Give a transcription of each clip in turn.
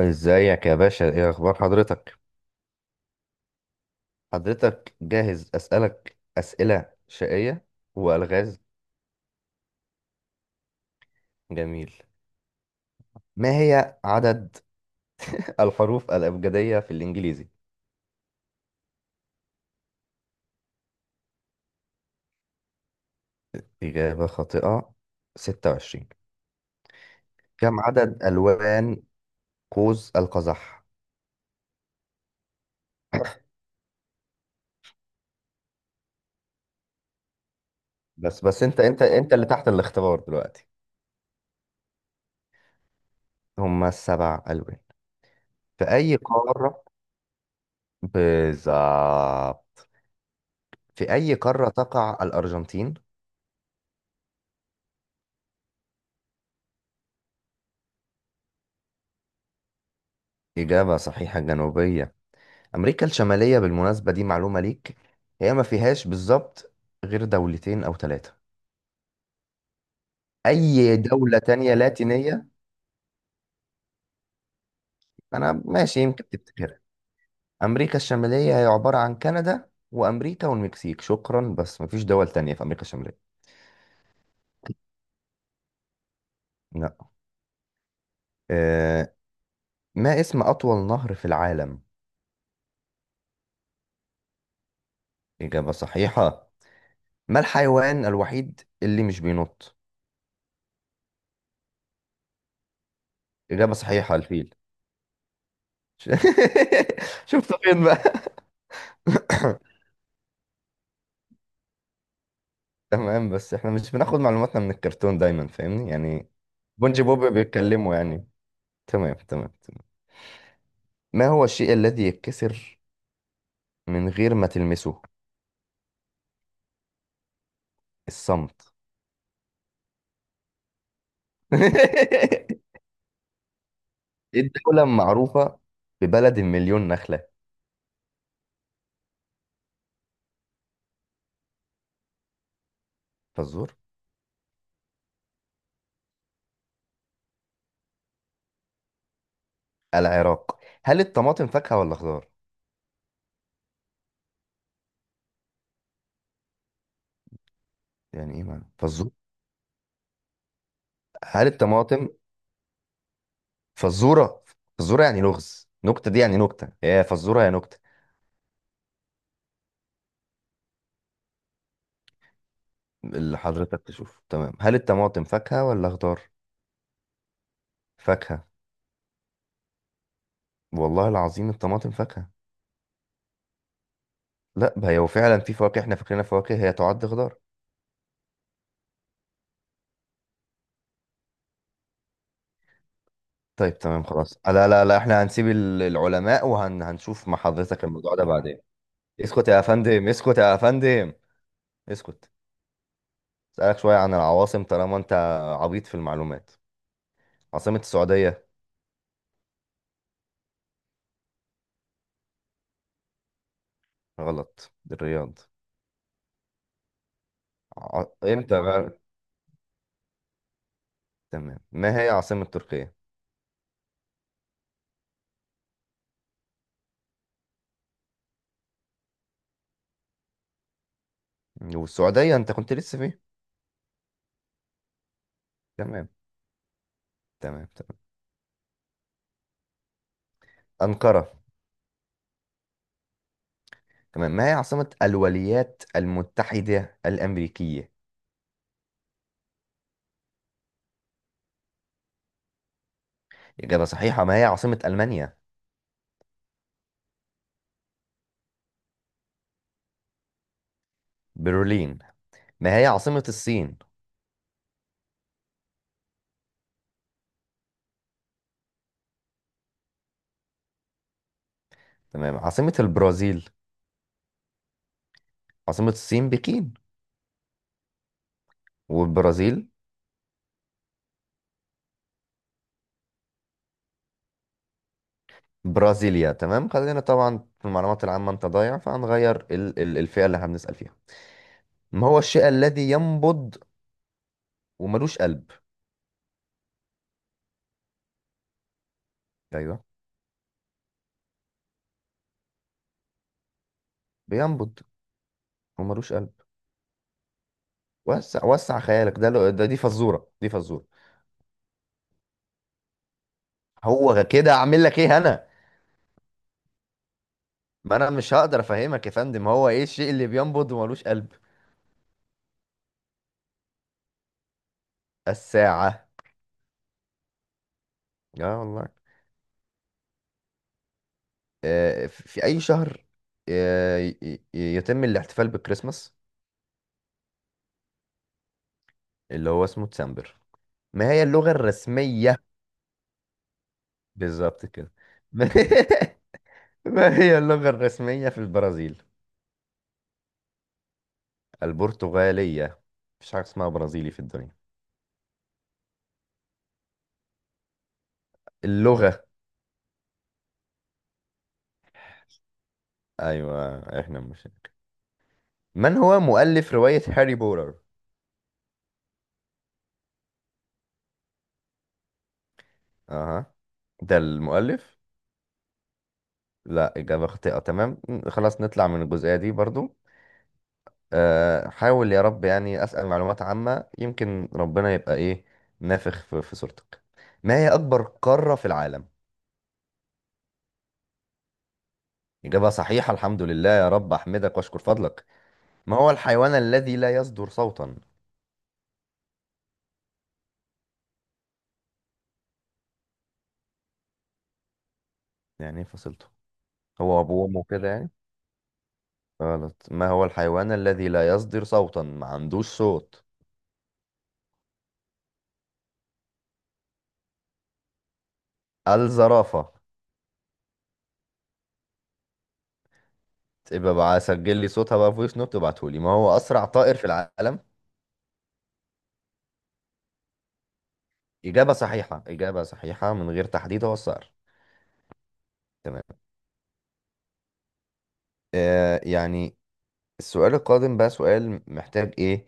ازيك يا باشا، ايه اخبار حضرتك؟ حضرتك جاهز اسالك اسئله شقيه والغاز؟ جميل. ما هي عدد الحروف الابجديه في الانجليزي؟ اجابه خاطئه. 26. كم عدد الوان قوس القزح؟ بس بس انت اللي تحت الاختبار دلوقتي. هما السبع الوان. في اي قاره، بالظبط؟ في اي قاره تقع الارجنتين؟ اجابه صحيحه، جنوبيه. أمريكا الشمالية، بالمناسبة دي معلومة ليك، هي ما فيهاش بالظبط غير دولتين أو ثلاثة. أي دولة تانية لاتينية. أنا ماشي يمكن تفتكرها. أمريكا الشمالية هي عبارة عن كندا وأمريكا والمكسيك، شكرا. بس ما فيش دول تانية في أمريكا الشمالية. لا. أه. ما اسم أطول نهر في العالم؟ إجابة صحيحة. ما الحيوان الوحيد اللي مش بينط؟ إجابة صحيحة، الفيل. شفت فين بقى؟ تمام، بس احنا مش بناخد معلوماتنا من الكرتون دايما، فاهمني يعني. بونجي بوب بيتكلموا يعني. تمام تمام تمام. ما هو الشيء الذي يتكسر من غير ما تلمسه؟ الصمت. الدولة معروفة ببلد المليون نخلة. فزور. العراق. هل الطماطم فاكهة ولا خضار؟ يعني ايه معنى فزور؟ هل الطماطم فزورة؟ فزورة يعني لغز، نكتة، دي يعني نكتة، هي فزورة يا نكتة؟ اللي حضرتك تشوف، تمام. هل الطماطم فاكهة ولا خضار؟ فاكهة. والله العظيم الطماطم فاكهة. لا، هي هو فعلا في فواكه احنا فاكرينها فواكه هي تعد خضار. طيب تمام خلاص. لا لا لا، احنا هنسيب العلماء وهنشوف مع حضرتك الموضوع ده بعدين. اسكت يا فندم، اسكت يا فندم. اسكت. اسألك شوية عن العواصم طالما انت عبيط في المعلومات. عاصمة السعودية؟ غلط، الرياض. امتى بقى؟ تمام. ما هي عاصمة تركيا؟ والسعودية انت كنت لسه فيه. تمام تمام تمام. أنقرة. تمام. ما هي عاصمة الولايات المتحدة الأمريكية؟ إجابة صحيحة. ما هي عاصمة ألمانيا؟ برلين. ما هي عاصمة الصين؟ تمام. عاصمة البرازيل؟ عاصمة الصين بكين. والبرازيل؟ برازيليا. تمام. خلينا طبعا في المعلومات العامة، أنت ضايع، فهنغير ال الفئة اللي احنا بنسأل فيها. ما هو الشيء الذي ينبض وملوش قلب؟ أيوه، بينبض وملوش قلب. وسع وسع خيالك، ده دي فزورة، دي فزورة. هو كده، أعمل لك إيه أنا؟ ما انا مش هقدر افهمك يا فندم. هو ايه الشيء اللي بينبض وملوش قلب؟ الساعة. اه والله. في اي شهر آه، ي- ي- يتم الاحتفال بالكريسماس؟ اللي هو اسمه ديسمبر. ما هي اللغة الرسمية؟ بالظبط كده. ما ما هي اللغة الرسمية في البرازيل؟ البرتغالية. مفيش حاجة اسمها برازيلي في الدنيا. اللغة. ايوه احنا مش. من هو مؤلف رواية هاري بوتر؟ اها، ده المؤلف؟ لا، إجابة خاطئة. تمام، خلاص نطلع من الجزئية دي برضو. أه، حاول يا رب يعني أسأل معلومات عامة يمكن ربنا يبقى إيه نافخ في صورتك. ما هي أكبر قارة في العالم؟ إجابة صحيحة، الحمد لله يا رب أحمدك وأشكر فضلك. ما هو الحيوان الذي لا يصدر صوتا؟ يعني إيه فصلته؟ هو أبوه وأمه كده يعني؟ غلط. ما هو الحيوان الذي لا يصدر صوتا، ما عندوش صوت؟ الزرافة. يبقى بقى سجل لي صوتها بقى فويس نوت وابعته لي. ما هو أسرع طائر في العالم؟ إجابة صحيحة، إجابة صحيحة، من غير تحديد هو الصقر. تمام. آه يعني. السؤال القادم بقى سؤال محتاج إيه،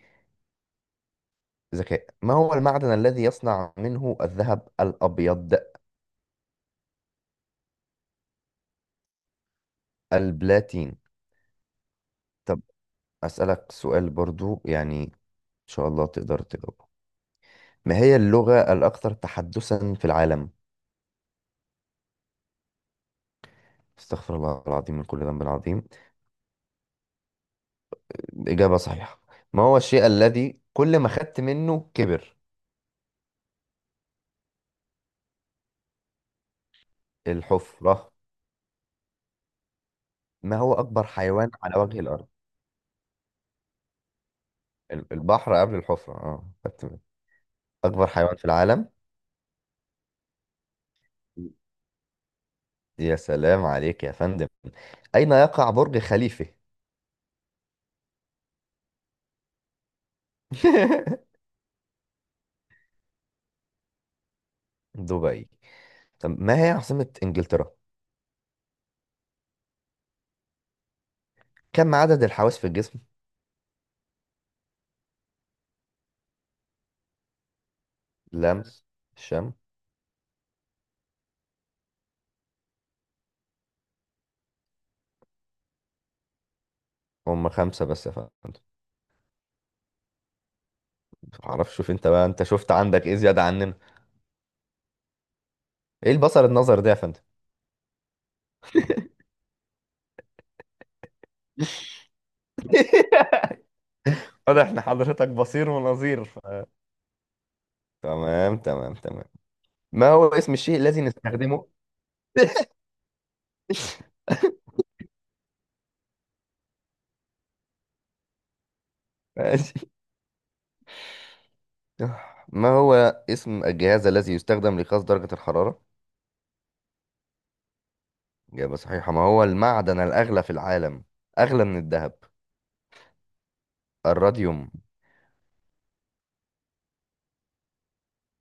ذكاء. ما هو المعدن الذي يصنع منه الذهب الأبيض؟ البلاتين. طب أسألك سؤال برضو يعني إن شاء الله تقدر تجاوبه. ما هي اللغة الأكثر تحدثا في العالم؟ استغفر الله العظيم من كل ذنب عظيم. إجابة صحيحة. ما هو الشيء الذي كل ما خدت منه كبر؟ الحفرة. ما هو أكبر حيوان على وجه الأرض؟ البحر قبل الحفرة، اه، خدت بالي. أكبر حيوان في العالم. يا سلام عليك يا فندم. أين يقع برج خليفة؟ دبي. طب ما هي عاصمة إنجلترا؟ كم عدد الحواس في الجسم؟ لمس. شم. هم خمسة بس يا فندم. معرفش، شوف انت بقى، انت شفت عندك ايه زيادة عننا. ايه البصر النظر ده يا فندم؟ واضح احنا حضرتك بصير ونظير تمام تمام تمام. ما هو اسم الشيء الذي نستخدمه؟ ماشي. ما هو اسم الجهاز الذي يستخدم لقياس درجة الحرارة؟ إجابة صحيحة. ما هو المعدن الأغلى في العالم، أغلى من الذهب؟ الراديوم.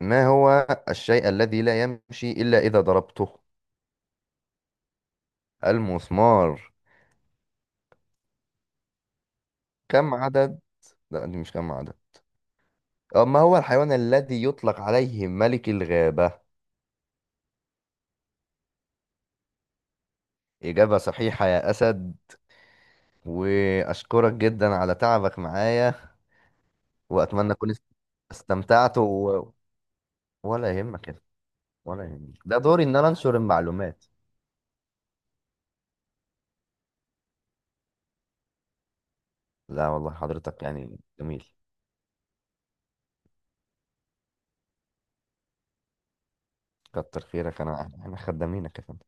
ما هو الشيء الذي لا يمشي إلا إذا ضربته؟ المسمار. كم عدد، لا دي مش كم عدد، ما هو الحيوان الذي يطلق عليه ملك الغابة؟ إجابة صحيحة يا أسد، وأشكرك جدا على تعبك معايا. وأتمنى أكون استمتعت ولا يهمك، ولا يعني ده دوري ان انا انشر المعلومات. لا والله حضرتك يعني جميل. كتر خيرك، انا احنا خدامينك يا فندم.